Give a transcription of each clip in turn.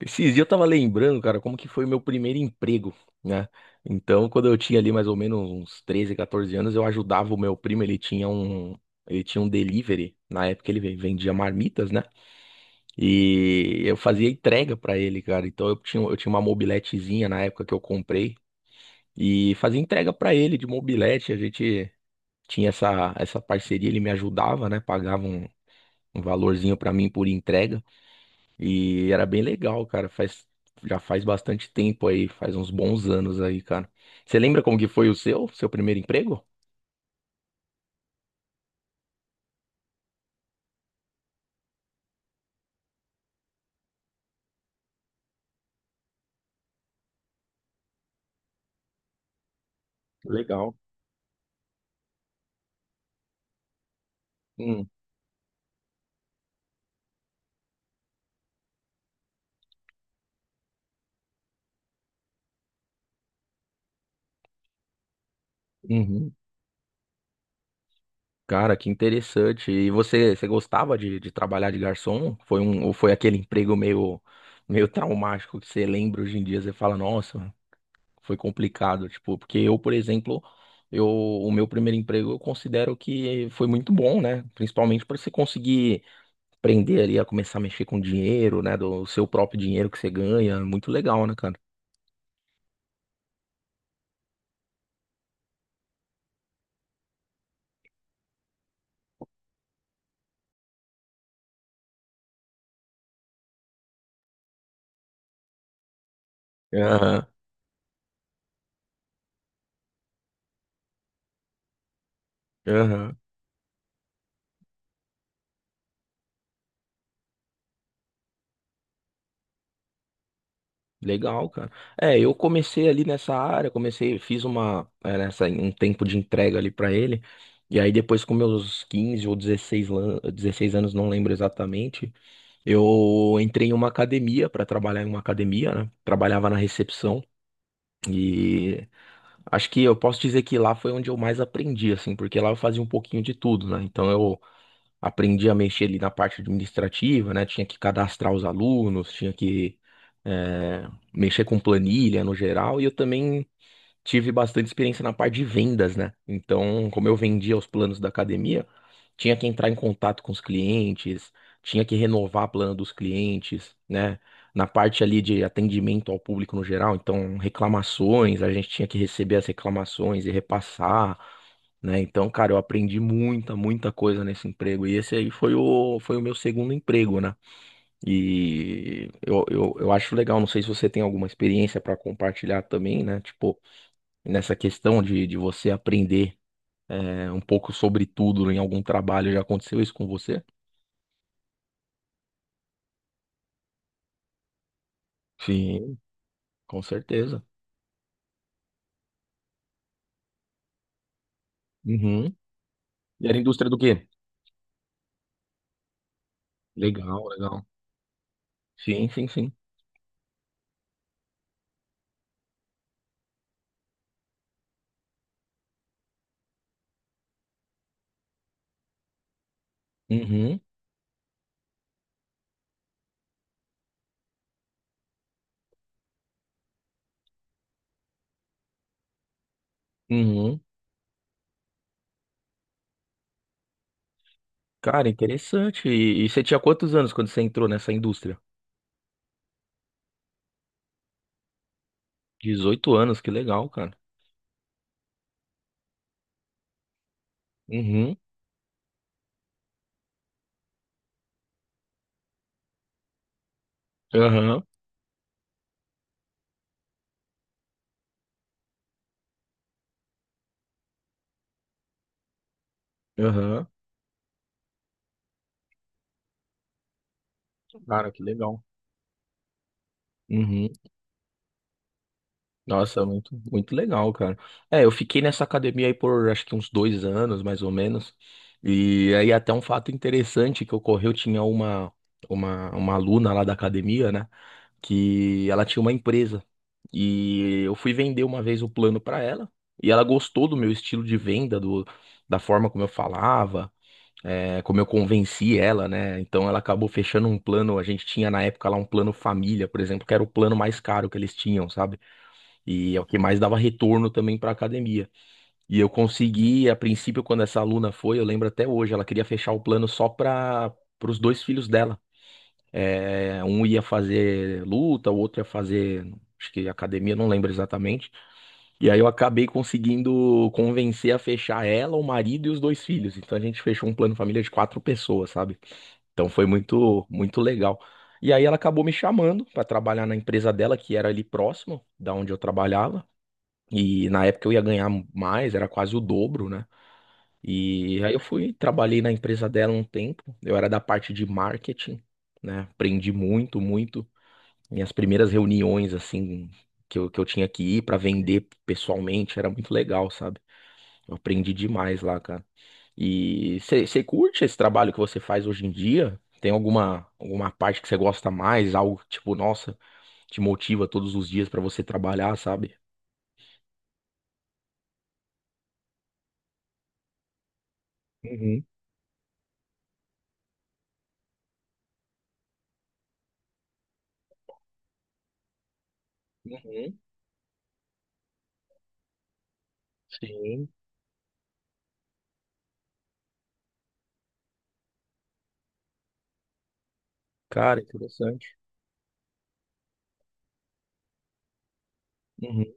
Esses dias eu tava lembrando, cara, como que foi o meu primeiro emprego, né? Então, quando eu tinha ali mais ou menos uns 14 anos, eu ajudava o meu primo, ele tinha um delivery, na época ele vendia marmitas, né? E eu fazia entrega pra ele, cara. Então eu tinha uma mobiletezinha na época que eu comprei e fazia entrega pra ele de mobilete, a gente tinha essa parceria, ele me ajudava, né? Pagava um valorzinho pra mim por entrega. E era bem legal, cara. Já faz bastante tempo aí, faz uns bons anos aí, cara. Você lembra como que foi o seu primeiro emprego? Legal. Hum. Uhum. Cara, que interessante. E você gostava de trabalhar de garçom? Ou foi aquele emprego meio traumático que você lembra hoje em dia? Você fala, nossa, foi complicado. Tipo, porque eu, por exemplo, eu, o meu primeiro emprego eu considero que foi muito bom, né? Principalmente para você conseguir aprender ali a começar a mexer com dinheiro, né? Do seu próprio dinheiro que você ganha. Muito legal, né, cara? Aham, aham. Legal, cara. É, eu comecei ali nessa área, comecei, fiz uma, nessa, um tempo de entrega ali pra ele. E aí depois com meus 15 ou 16 16 anos, não lembro exatamente, eu entrei em uma academia pra trabalhar em uma academia, né? Trabalhava na recepção e acho que eu posso dizer que lá foi onde eu mais aprendi, assim, porque lá eu fazia um pouquinho de tudo, né? Então eu aprendi a mexer ali na parte administrativa, né? Tinha que cadastrar os alunos, tinha que eh, mexer com planilha no geral, e eu também tive bastante experiência na parte de vendas, né? Então, como eu vendia os planos da academia, tinha que entrar em contato com os clientes, tinha que renovar plano dos clientes, né? Na parte ali de atendimento ao público no geral, então reclamações, a gente tinha que receber as reclamações e repassar, né? Então, cara, eu aprendi muita, muita coisa nesse emprego. E esse aí foi o meu segundo emprego, né? E eu acho legal, não sei se você tem alguma experiência para compartilhar também, né? Tipo, nessa questão de você aprender um pouco sobre tudo em algum trabalho. Já aconteceu isso com você? Sim, com certeza. Uhum. E era indústria do quê? Legal, legal. Sim, sim, sim. Uhum, uhum. Cara, interessante. E você tinha quantos anos quando você entrou nessa indústria? 18 anos, que legal, cara. Uhum, aham, aham. Cara, que legal. Uhum. Nossa, muito, muito legal, cara. É, eu fiquei nessa academia aí por acho que uns 2 anos, mais ou menos. E aí até um fato interessante que ocorreu, tinha uma aluna lá da academia, né? Que ela tinha uma empresa. E eu fui vender uma vez o plano pra ela. E ela gostou do meu estilo de venda, da forma como eu falava, como eu convenci ela, né? Então ela acabou fechando um plano. A gente tinha na época lá um plano família, por exemplo, que era o plano mais caro que eles tinham, sabe? E é o que mais dava retorno também para a academia. E eu consegui, a princípio, quando essa aluna foi, eu lembro até hoje, ela queria fechar o plano só para os dois filhos dela. É, um ia fazer luta, o outro ia fazer, acho que academia, não lembro exatamente. E aí eu acabei conseguindo convencer a fechar ela, o marido e os dois filhos. Então a gente fechou um plano família de quatro pessoas, sabe? Então foi muito, muito legal. E aí ela acabou me chamando para trabalhar na empresa dela, que era ali próximo da onde eu trabalhava. E na época eu ia ganhar mais, era quase o dobro, né? E aí eu fui, trabalhei na empresa dela um tempo. Eu era da parte de marketing, né? Aprendi muito, muito. Minhas primeiras reuniões, assim, que eu tinha que ir para vender pessoalmente, era muito legal, sabe? Eu aprendi demais lá, cara. E você curte esse trabalho que você faz hoje em dia? Tem alguma parte que você gosta mais? Algo que, tipo, nossa, te motiva todos os dias para você trabalhar, sabe? Uhum, uhum. Sim. Cara, interessante. Uhum,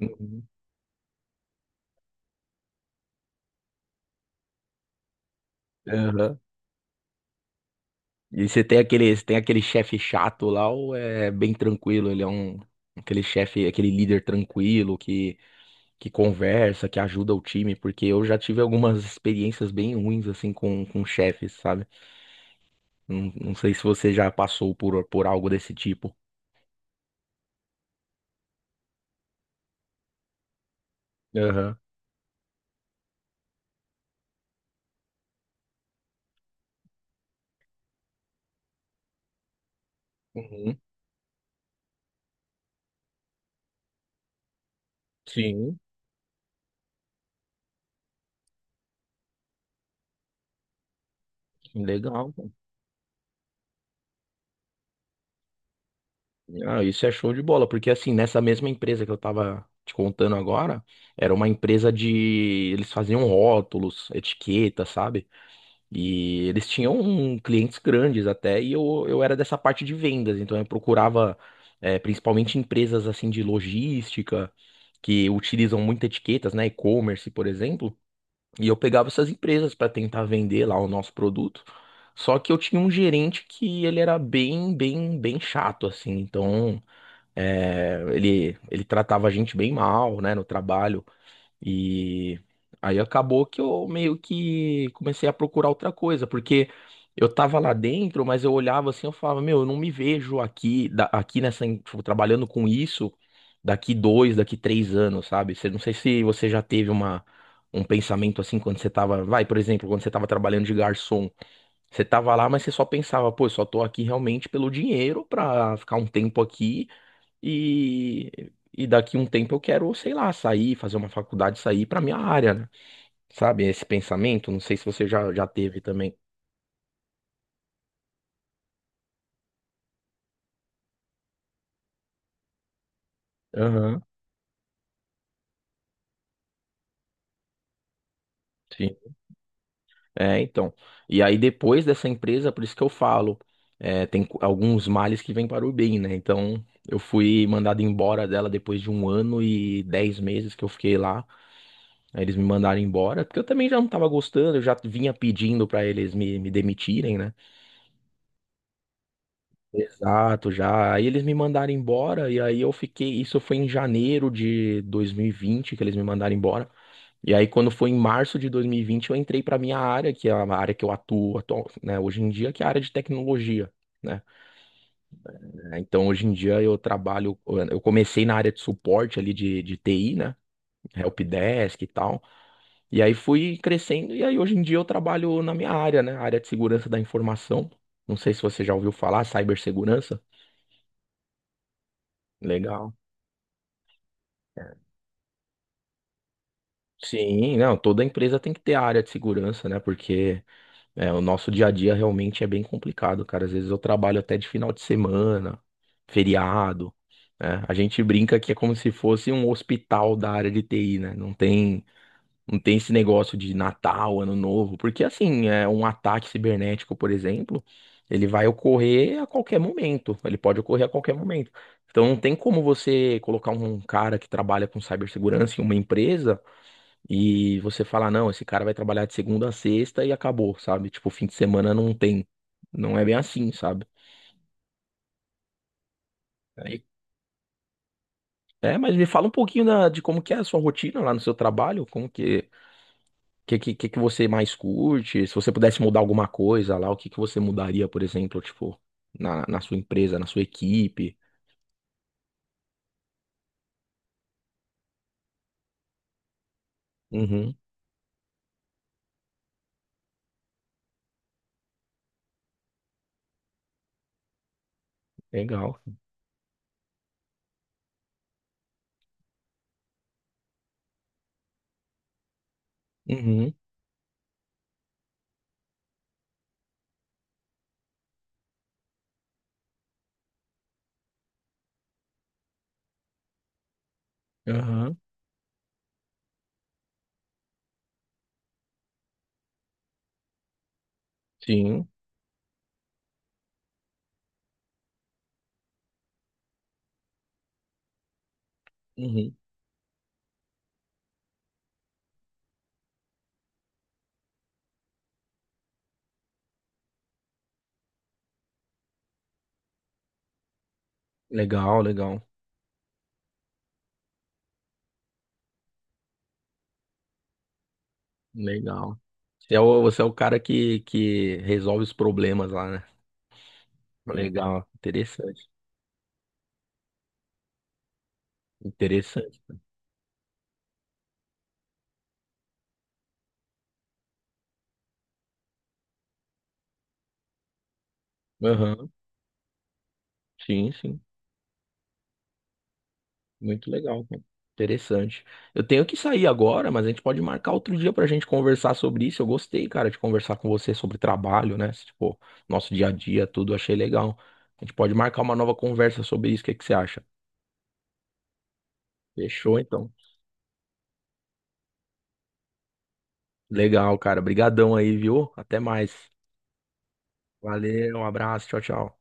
uhum. Aham. E você tem aquele chefe chato lá ou é bem tranquilo? Ele é aquele chefe, aquele líder tranquilo que conversa, que ajuda o time, porque eu já tive algumas experiências bem ruins assim com chefes, sabe? Não sei se você já passou por algo desse tipo. Aham. Uhum. Sim, legal. Ah, isso é show de bola, porque assim, nessa mesma empresa que eu tava te contando agora, era uma empresa de. Eles faziam rótulos, etiqueta, sabe? E eles tinham clientes grandes até, e eu era dessa parte de vendas, então eu procurava principalmente empresas assim de logística, que utilizam muito etiquetas, né? E-commerce, por exemplo, e eu pegava essas empresas para tentar vender lá o nosso produto. Só que eu tinha um gerente que ele era bem, bem, bem chato, assim, então. É, ele tratava a gente bem mal, né, no trabalho. E aí acabou que eu meio que comecei a procurar outra coisa, porque eu tava lá dentro, mas eu olhava assim, eu falava, meu, eu não me vejo aqui, aqui nessa, tipo, trabalhando com isso daqui 3 anos, sabe? Você, não sei se você já teve um pensamento assim quando você tava, vai, por exemplo, quando você tava trabalhando de garçom. Você tava lá, mas você só pensava, pô, eu só tô aqui realmente pelo dinheiro pra ficar um tempo aqui e, e daqui um tempo eu quero, sei lá, sair, fazer uma faculdade, sair pra minha área, né? Sabe, esse pensamento, não sei se você já teve também. Aham, sim. É, então. E aí depois dessa empresa, por isso que eu falo, tem alguns males que vêm para o bem, né? Então, eu fui mandado embora dela depois de um ano e 10 meses que eu fiquei lá. Aí eles me mandaram embora, porque eu também já não tava gostando, eu já vinha pedindo pra eles me demitirem, né? Exato, já. Aí eles me mandaram embora, e aí eu fiquei. Isso foi em janeiro de 2020 que eles me mandaram embora. E aí, quando foi em março de 2020 eu entrei para minha área, que é a área que eu atuo, né, hoje em dia, que é a área de tecnologia, né? Então, hoje em dia, eu trabalho. Eu comecei na área de suporte ali de TI, né? Helpdesk e tal. E aí fui crescendo, e aí hoje em dia eu trabalho na minha área, né? Área de segurança da informação. Não sei se você já ouviu falar, cibersegurança. Legal. Sim, não, toda empresa tem que ter a área de segurança, né? Porque o nosso dia a dia realmente é bem complicado, cara. Às vezes eu trabalho até de final de semana, feriado, né? A gente brinca que é como se fosse um hospital da área de TI, né? Não tem esse negócio de Natal, Ano Novo, porque assim, é um ataque cibernético, por exemplo, ele vai ocorrer a qualquer momento, ele pode ocorrer a qualquer momento. Então não tem como você colocar um cara que trabalha com cibersegurança em uma empresa e você fala, não, esse cara vai trabalhar de segunda a sexta e acabou, sabe? Tipo, fim de semana não tem. Não é bem assim, sabe? Aí- mas me fala um pouquinho de como que é a sua rotina lá no seu trabalho, como que você mais curte, se você pudesse mudar alguma coisa lá, o que que você mudaria, por exemplo, tipo, na sua empresa, na sua equipe? Uhum, legal. Uhum, aham, sim, uhum. Legal, legal, legal. Você é o cara que resolve os problemas lá, né? Legal, interessante, interessante. Aham. Sim, sim, muito legal, cara. Interessante. Eu tenho que sair agora, mas a gente pode marcar outro dia pra gente conversar sobre isso. Eu gostei, cara, de conversar com você sobre trabalho, né? Tipo, nosso dia a dia, tudo, achei legal. A gente pode marcar uma nova conversa sobre isso. O que que você acha? Fechou, então. Legal, cara. Brigadão aí, viu? Até mais. Valeu, um abraço, tchau, tchau.